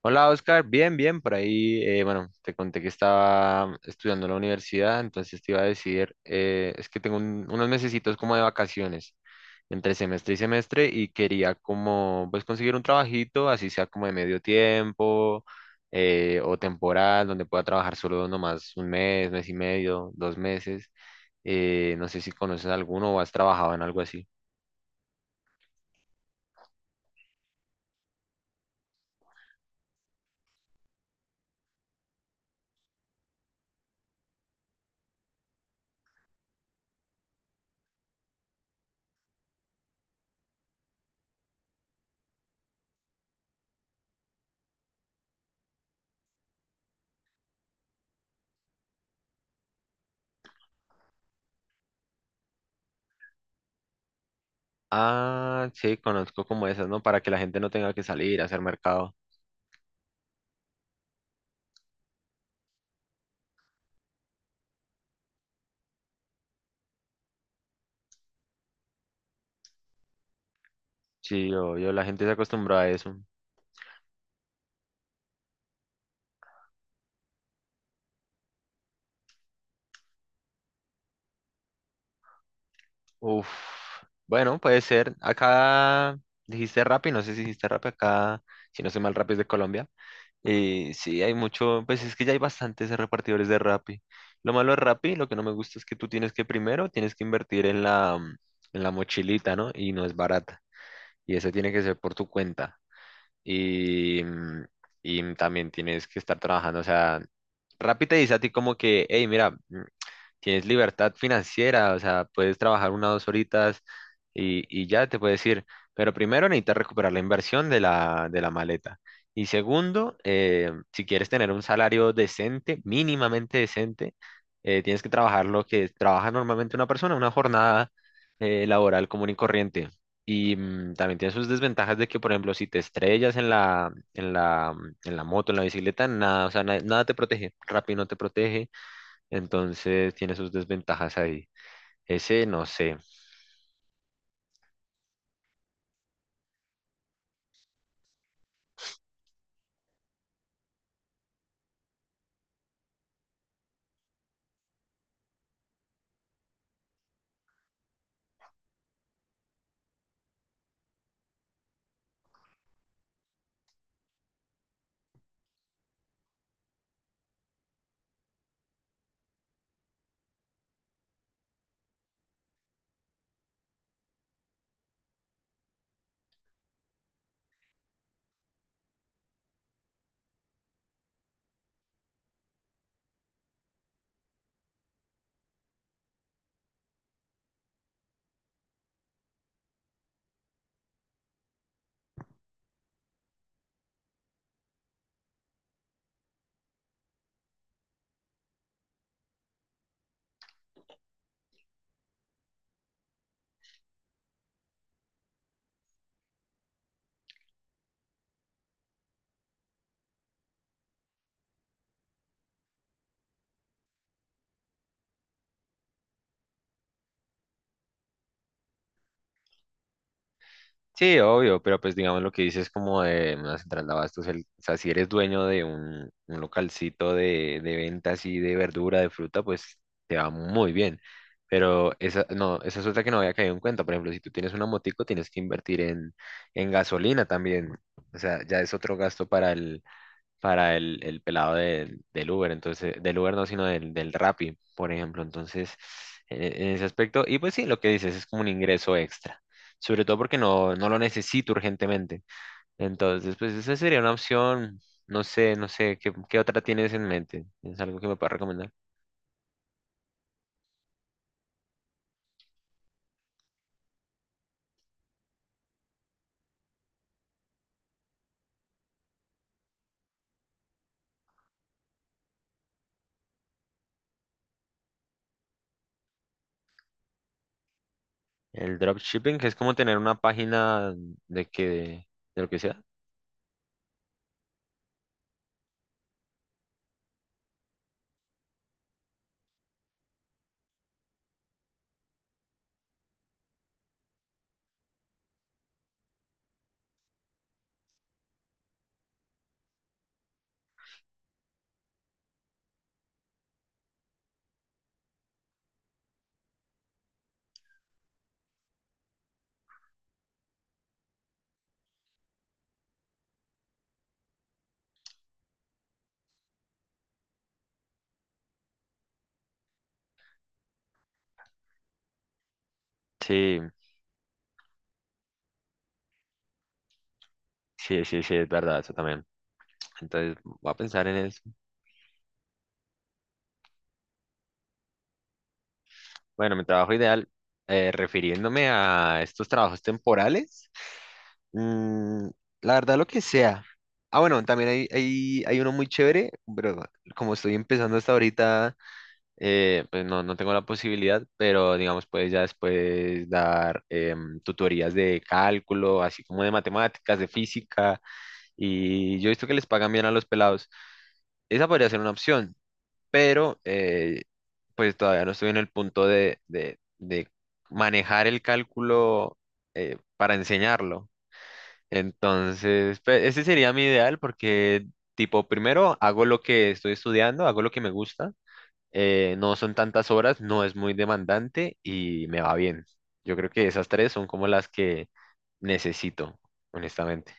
Hola Oscar, bien, bien, por ahí, bueno, te conté que estaba estudiando en la universidad, entonces te iba a decir, es que tengo unos mesecitos como de vacaciones entre semestre y semestre y quería como, pues conseguir un trabajito, así sea como de medio tiempo, o temporal, donde pueda trabajar solo nomás un mes, mes y medio, dos meses, no sé si conoces alguno o has trabajado en algo así. Ah, sí, conozco como esas, ¿no? Para que la gente no tenga que salir a hacer mercado. Sí, obvio, la gente se acostumbra a eso. Uf, bueno, puede ser. Acá dijiste Rappi, no sé si dijiste Rappi acá, si no soy mal, Rappi es de Colombia. Y sí, hay mucho, pues es que ya hay bastantes repartidores de Rappi. Lo malo de Rappi, lo que no me gusta es que tú tienes que primero, tienes que invertir en la, en la mochilita, ¿no? Y no es barata. Y eso tiene que ser por tu cuenta. Y, y también tienes que estar trabajando, o sea, Rappi te dice a ti como que, hey, mira. Tienes libertad financiera, o sea, puedes trabajar una o dos horitas y ya te puedes ir. Pero primero necesitas recuperar la inversión de la maleta. Y segundo, si quieres tener un salario decente, mínimamente decente, tienes que trabajar lo que trabaja normalmente una persona, una jornada laboral común y corriente. Y, también tiene sus desventajas de que, por ejemplo, si te estrellas en la, en la moto, en la bicicleta, nada, o sea, nada te protege. Rappi no te protege, entonces tiene sus desventajas ahí. Ese no sé. Sí, obvio, pero pues digamos lo que dices como de una central de abastos, o sea, si eres dueño de un localcito de ventas y de verdura, de fruta, pues te va muy bien. Pero esa, no, esa es otra que no había caído en cuenta. Por ejemplo, si tú tienes una motico, tienes que invertir en gasolina también. O sea, ya es otro gasto para el pelado de del Uber, entonces, del Uber no, sino del Rappi, por ejemplo. Entonces, en ese aspecto, y pues sí, lo que dices es como un ingreso extra, sobre todo porque no, no lo necesito urgentemente. Entonces, pues esa sería una opción, no sé, no sé, ¿qué, qué otra tienes en mente? ¿Es algo que me puedas recomendar? El dropshipping, que es como tener una página de que, de lo que sea. Sí, sí, sí, sí, es verdad, eso también. Entonces, voy a pensar en eso. Bueno, mi trabajo ideal, refiriéndome a estos trabajos temporales, mm, la verdad lo que sea. Ah, bueno, también hay uno muy chévere, pero como estoy empezando hasta ahorita, pues no, no tengo la posibilidad, pero digamos, puedes ya después dar tutorías de cálculo, así como de matemáticas, de física, y yo he visto que les pagan bien a los pelados. Esa podría ser una opción, pero pues todavía no estoy en el punto de, de manejar el cálculo para enseñarlo. Entonces, pues, ese sería mi ideal porque, tipo, primero hago lo que estoy estudiando, hago lo que me gusta, no son tantas horas, no es muy demandante y me va bien. Yo creo que esas tres son como las que necesito, honestamente.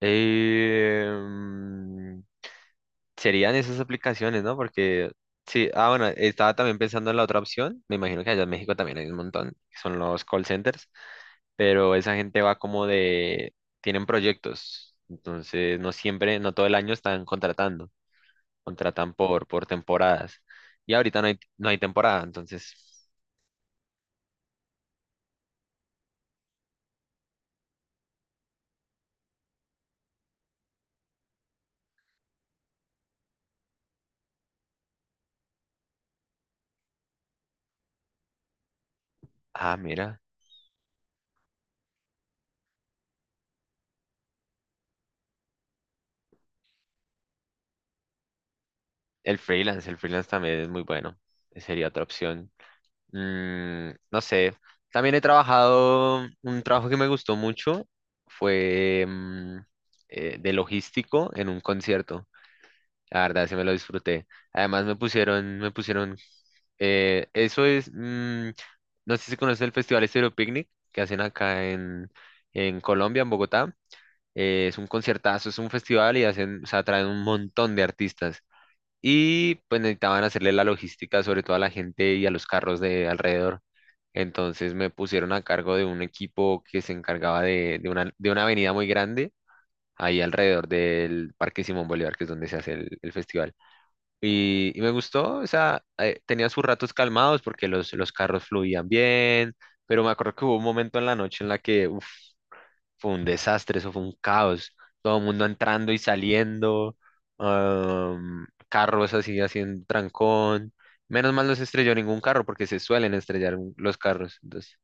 Em, Serían esas aplicaciones, ¿no? Porque sí, ah, bueno, estaba también pensando en la otra opción. Me imagino que allá en México también hay un montón, que son los call centers, pero esa gente va como de, tienen proyectos, entonces no siempre, no todo el año están contratando, contratan por temporadas. Y ahorita no hay, no hay temporada, entonces, ah, mira, el freelance también es muy bueno. Sería otra opción. No sé. También he trabajado, un trabajo que me gustó mucho fue de logístico en un concierto. La verdad, sí me lo disfruté. Además me pusieron, eso es, no sé si conoces el Festival Estéreo Picnic que hacen acá en Colombia, en Bogotá. Es un conciertazo, es un festival y hacen, o sea, traen un montón de artistas y pues necesitaban hacerle la logística sobre todo a la gente y a los carros de alrededor. Entonces me pusieron a cargo de un equipo que se encargaba de, de una avenida muy grande, ahí alrededor del Parque Simón Bolívar, que es donde se hace el festival. Y me gustó, o sea, tenía sus ratos calmados porque los carros fluían bien, pero me acuerdo que hubo un momento en la noche en la que, uf, fue un desastre, eso fue un caos. Todo el mundo entrando y saliendo, carros así haciendo trancón. Menos mal no se estrelló ningún carro porque se suelen estrellar los carros. Entonces,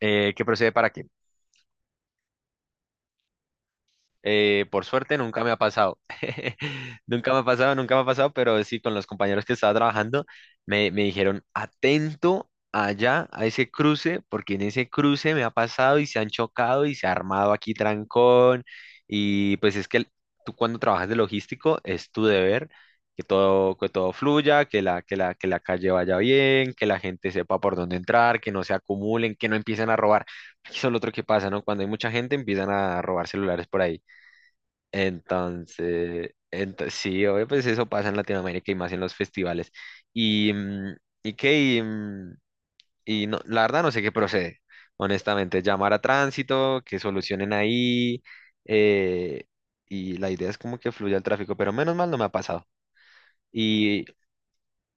¿qué procede para qué? Por suerte nunca me ha pasado. Nunca me ha pasado, nunca me ha pasado, pero sí, con los compañeros que estaba trabajando, me dijeron, atento allá a ese cruce, porque en ese cruce me ha pasado y se han chocado y se ha armado aquí trancón. Y pues es que tú cuando trabajas de logístico es tu deber que todo fluya, que la calle vaya bien, que la gente sepa por dónde entrar, que no se acumulen, que no empiecen a robar. Eso es lo otro que pasa, ¿no? Cuando hay mucha gente empiezan a robar celulares por ahí. Entonces, sí, obvio, pues eso pasa en Latinoamérica y más en los festivales. Y, y qué, y, mm, y no, la verdad no sé qué procede. Honestamente, llamar a tránsito, que solucionen ahí. eh, y la idea es como que fluya el tráfico, pero menos mal no me ha pasado. Y,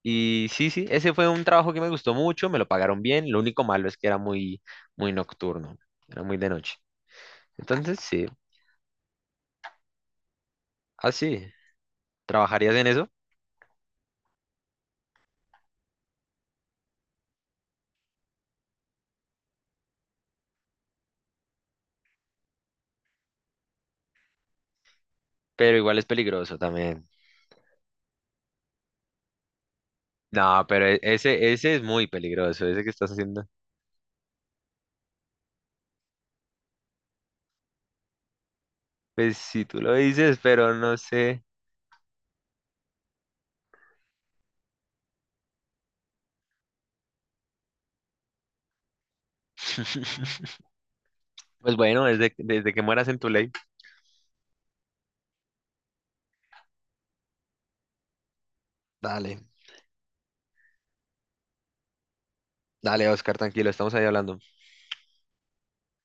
y sí, sí, ese fue un trabajo que me gustó mucho, me lo pagaron bien. Lo único malo es que era muy, muy nocturno, era muy de noche. Entonces, sí, así, ¿trabajarías en eso? Pero igual es peligroso también. No, pero ese, ese es muy peligroso, ese que estás haciendo. Pues si tú lo dices, pero no sé. Pues bueno, desde, desde que mueras en tu ley. Dale, dale, Oscar, tranquilo, estamos ahí hablando.